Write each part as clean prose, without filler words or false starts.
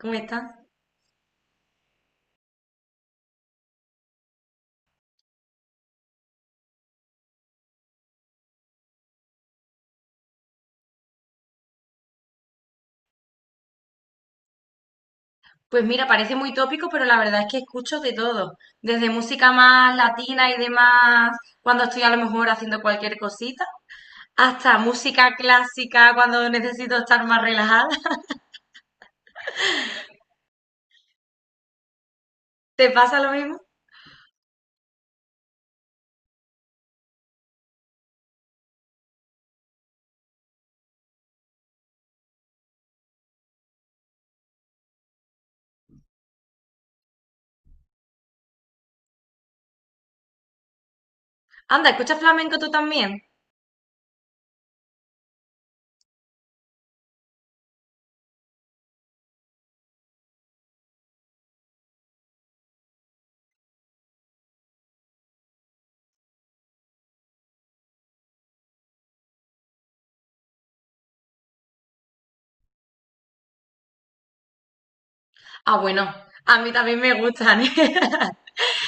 ¿Cómo estás? Pues mira, parece muy tópico, pero la verdad es que escucho de todo, desde música más latina y demás, cuando estoy a lo mejor haciendo cualquier cosita, hasta música clásica cuando necesito estar más relajada. ¿Te pasa lo mismo? Anda, ¿escuchas flamenco tú también? Ah, bueno, a mí también me gustan, ¿eh?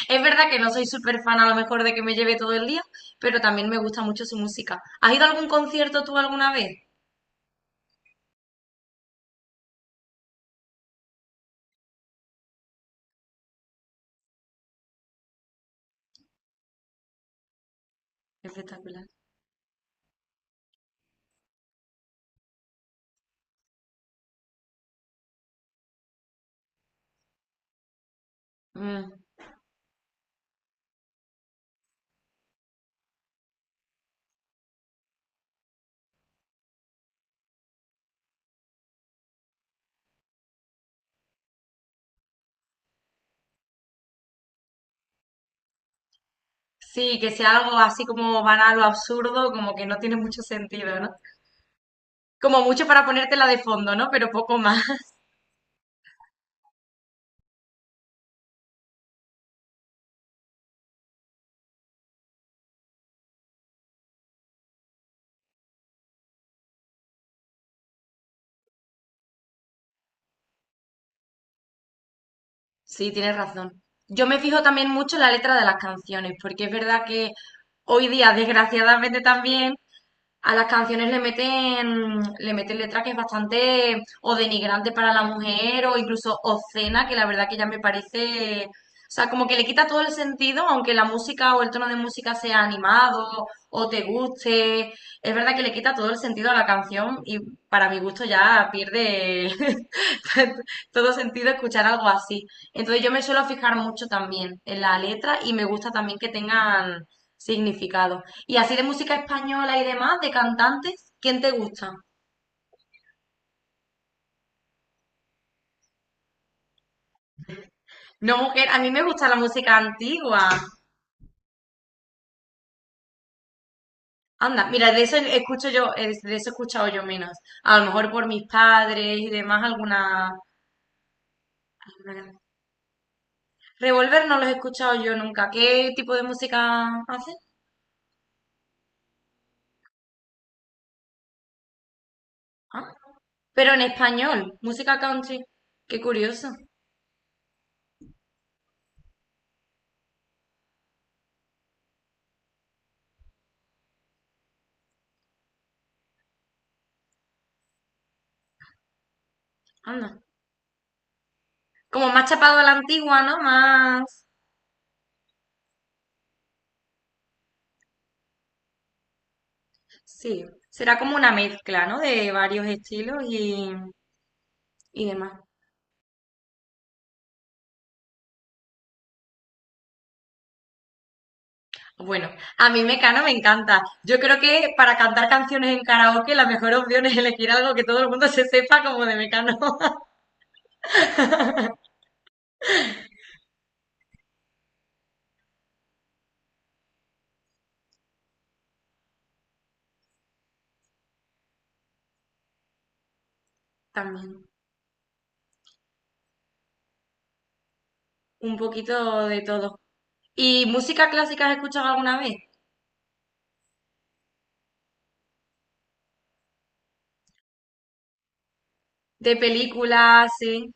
Es verdad que no soy súper fan a lo mejor de que me lleve todo el día, pero también me gusta mucho su música. ¿Has ido a algún concierto tú alguna vez? Espectacular. Mm. Sí, que sea algo así como banal o absurdo, como que no tiene mucho sentido, ¿no? Como mucho para ponértela de fondo, ¿no? Pero poco más. Sí, tienes razón. Yo me fijo también mucho en la letra de las canciones, porque es verdad que hoy día, desgraciadamente también, a las canciones le meten letra que es bastante o denigrante para la mujer o incluso obscena, que la verdad que ya me parece, o sea, como que le quita todo el sentido, aunque la música o el tono de música sea animado o te guste, es verdad que le quita todo el sentido a la canción y para mi gusto ya pierde todo sentido escuchar algo así. Entonces yo me suelo fijar mucho también en la letra y me gusta también que tengan significado. Y así de música española y demás, de cantantes, ¿quién te gusta? No, mujer, a mí me gusta la música antigua. Anda, mira, de eso escucho yo, de eso he escuchado yo menos. A lo mejor por mis padres y demás, alguna... alguna- Revolver no los he escuchado yo nunca. ¿Qué tipo de música hacen? Ah, pero en español, música country. Qué curioso. Anda. Como más chapado a la antigua, ¿no? Más... Sí, será como una mezcla, ¿no? De varios estilos y demás. Bueno, a mí Mecano me encanta. Yo creo que para cantar canciones en karaoke la mejor opción es elegir algo que todo el mundo se sepa como de Mecano. También, un poquito de todo. ¿Y música clásica has escuchado alguna vez? De películas, sí.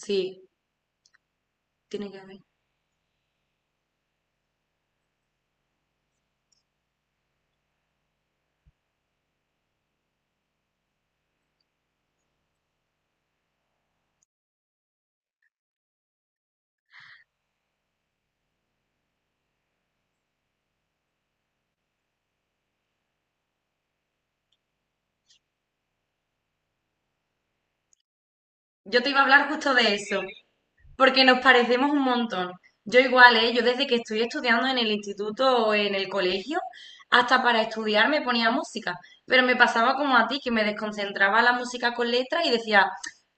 Sí, tiene que haber. Yo te iba a hablar justo de eso. Porque nos parecemos un montón. Yo igual, ¿eh? Yo desde que estoy estudiando en el instituto o en el colegio, hasta para estudiar me ponía música. Pero me pasaba como a ti, que me desconcentraba la música con letras y decía,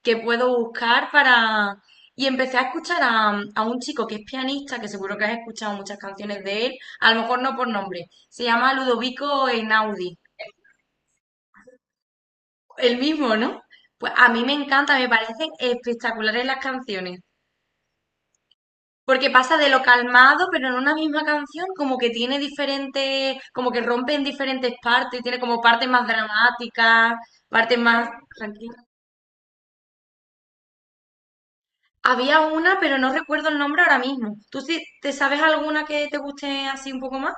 ¿qué puedo buscar para...? Y empecé a escuchar a un chico que es pianista, que seguro que has escuchado muchas canciones de él, a lo mejor no por nombre. Se llama Ludovico Einaudi. El mismo, ¿no? Pues a mí me encanta, me parecen espectaculares las canciones. Porque pasa de lo calmado, pero en una misma canción como que tiene diferentes, como que rompe en diferentes partes, tiene como partes más dramáticas, partes más tranquilas. Había una, pero no recuerdo el nombre ahora mismo. ¿Tú sí te sabes alguna que te guste así un poco más?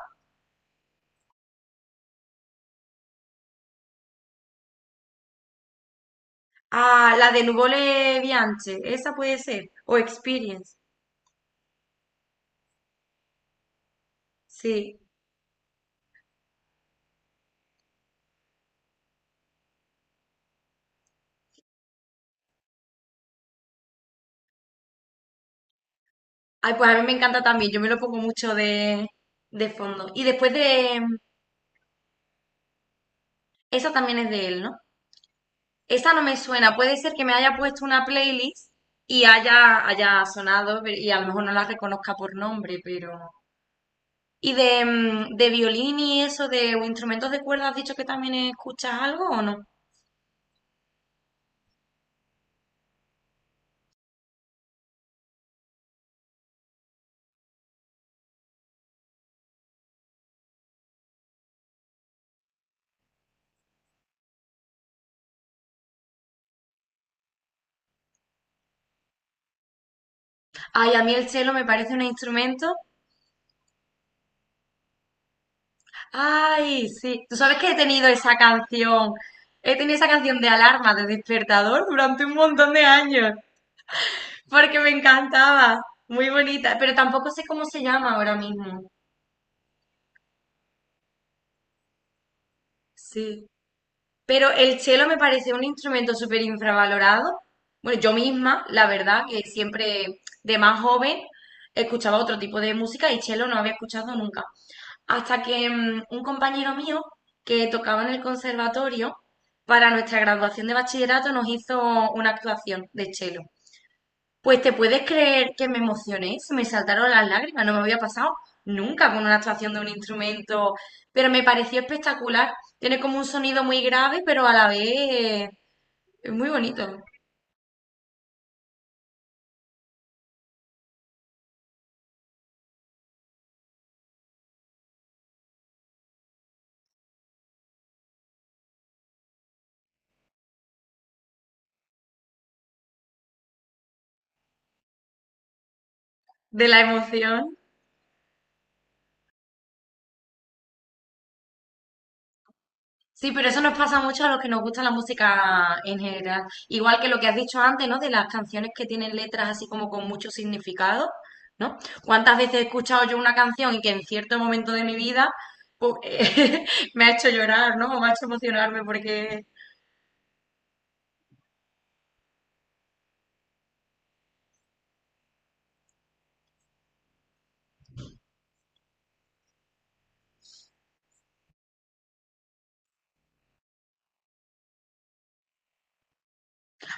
Ah, la de Nuvole Bianche, esa puede ser. O Experience, sí. Ay, pues a mí me encanta también, yo me lo pongo mucho de fondo. Y después de... Esa también es de él, ¿no? Esta no me suena. Puede ser que me haya puesto una playlist y haya sonado y a lo mejor no la reconozca por nombre, pero... ¿Y de, de violín y eso, de o instrumentos de cuerda, has dicho que también escuchas algo o no? Ay, a mí el cello me parece un instrumento. Ay, sí. Tú sabes que he tenido esa canción, he tenido esa canción de alarma, de despertador durante un montón de años, porque me encantaba. Muy bonita, pero tampoco sé cómo se llama ahora mismo. Sí. Pero el cello me parece un instrumento súper infravalorado. Bueno, yo misma, la verdad, que siempre de más joven escuchaba otro tipo de música y cello no había escuchado nunca. Hasta que un compañero mío que tocaba en el conservatorio, para nuestra graduación de bachillerato nos hizo una actuación de cello. Pues te puedes creer que me emocioné, se me saltaron las lágrimas, no me había pasado nunca con una actuación de un instrumento, pero me pareció espectacular. Tiene como un sonido muy grave, pero a la vez es muy bonito, de la emoción. Sí, pero eso nos pasa mucho a los que nos gusta la música en general. Igual que lo que has dicho antes, ¿no? De las canciones que tienen letras así como con mucho significado, ¿no? ¿Cuántas veces he escuchado yo una canción y que en cierto momento de mi vida pues, me ha hecho llorar, ¿no? O me ha hecho emocionarme porque...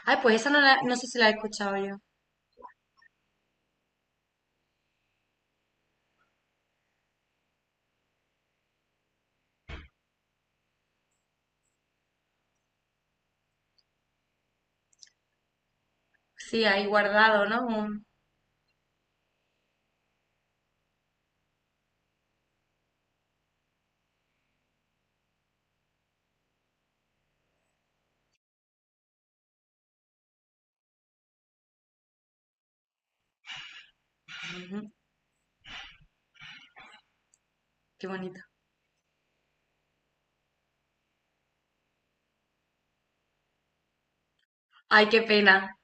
Ay, pues esa no, no sé si la he escuchado yo. Sí, ahí guardado, ¿no? Un- Ujú, qué bonito. Ay, qué pena.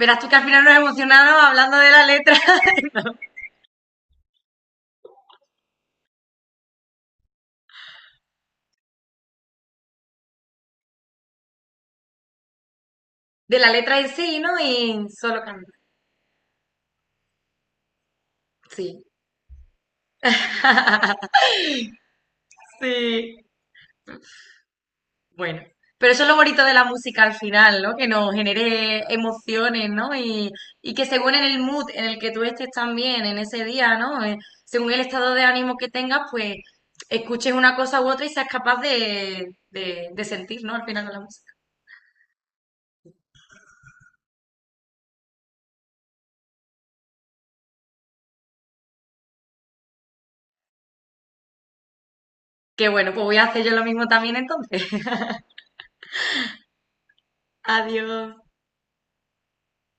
Verás tú que al final nos emocionamos hablando de la letra, de la letra en sí, ¿no? Y solo cantar. Sí. Sí, bueno, pero eso es lo bonito de la música al final, ¿no? Que nos genere emociones, ¿no? Y que según en el mood en el que tú estés también en ese día, ¿no? Según el estado de ánimo que tengas, pues escuches una cosa u otra y seas capaz de, de sentir, ¿no? Al final de la música. Que bueno, pues voy a hacer yo lo mismo también entonces. Adiós.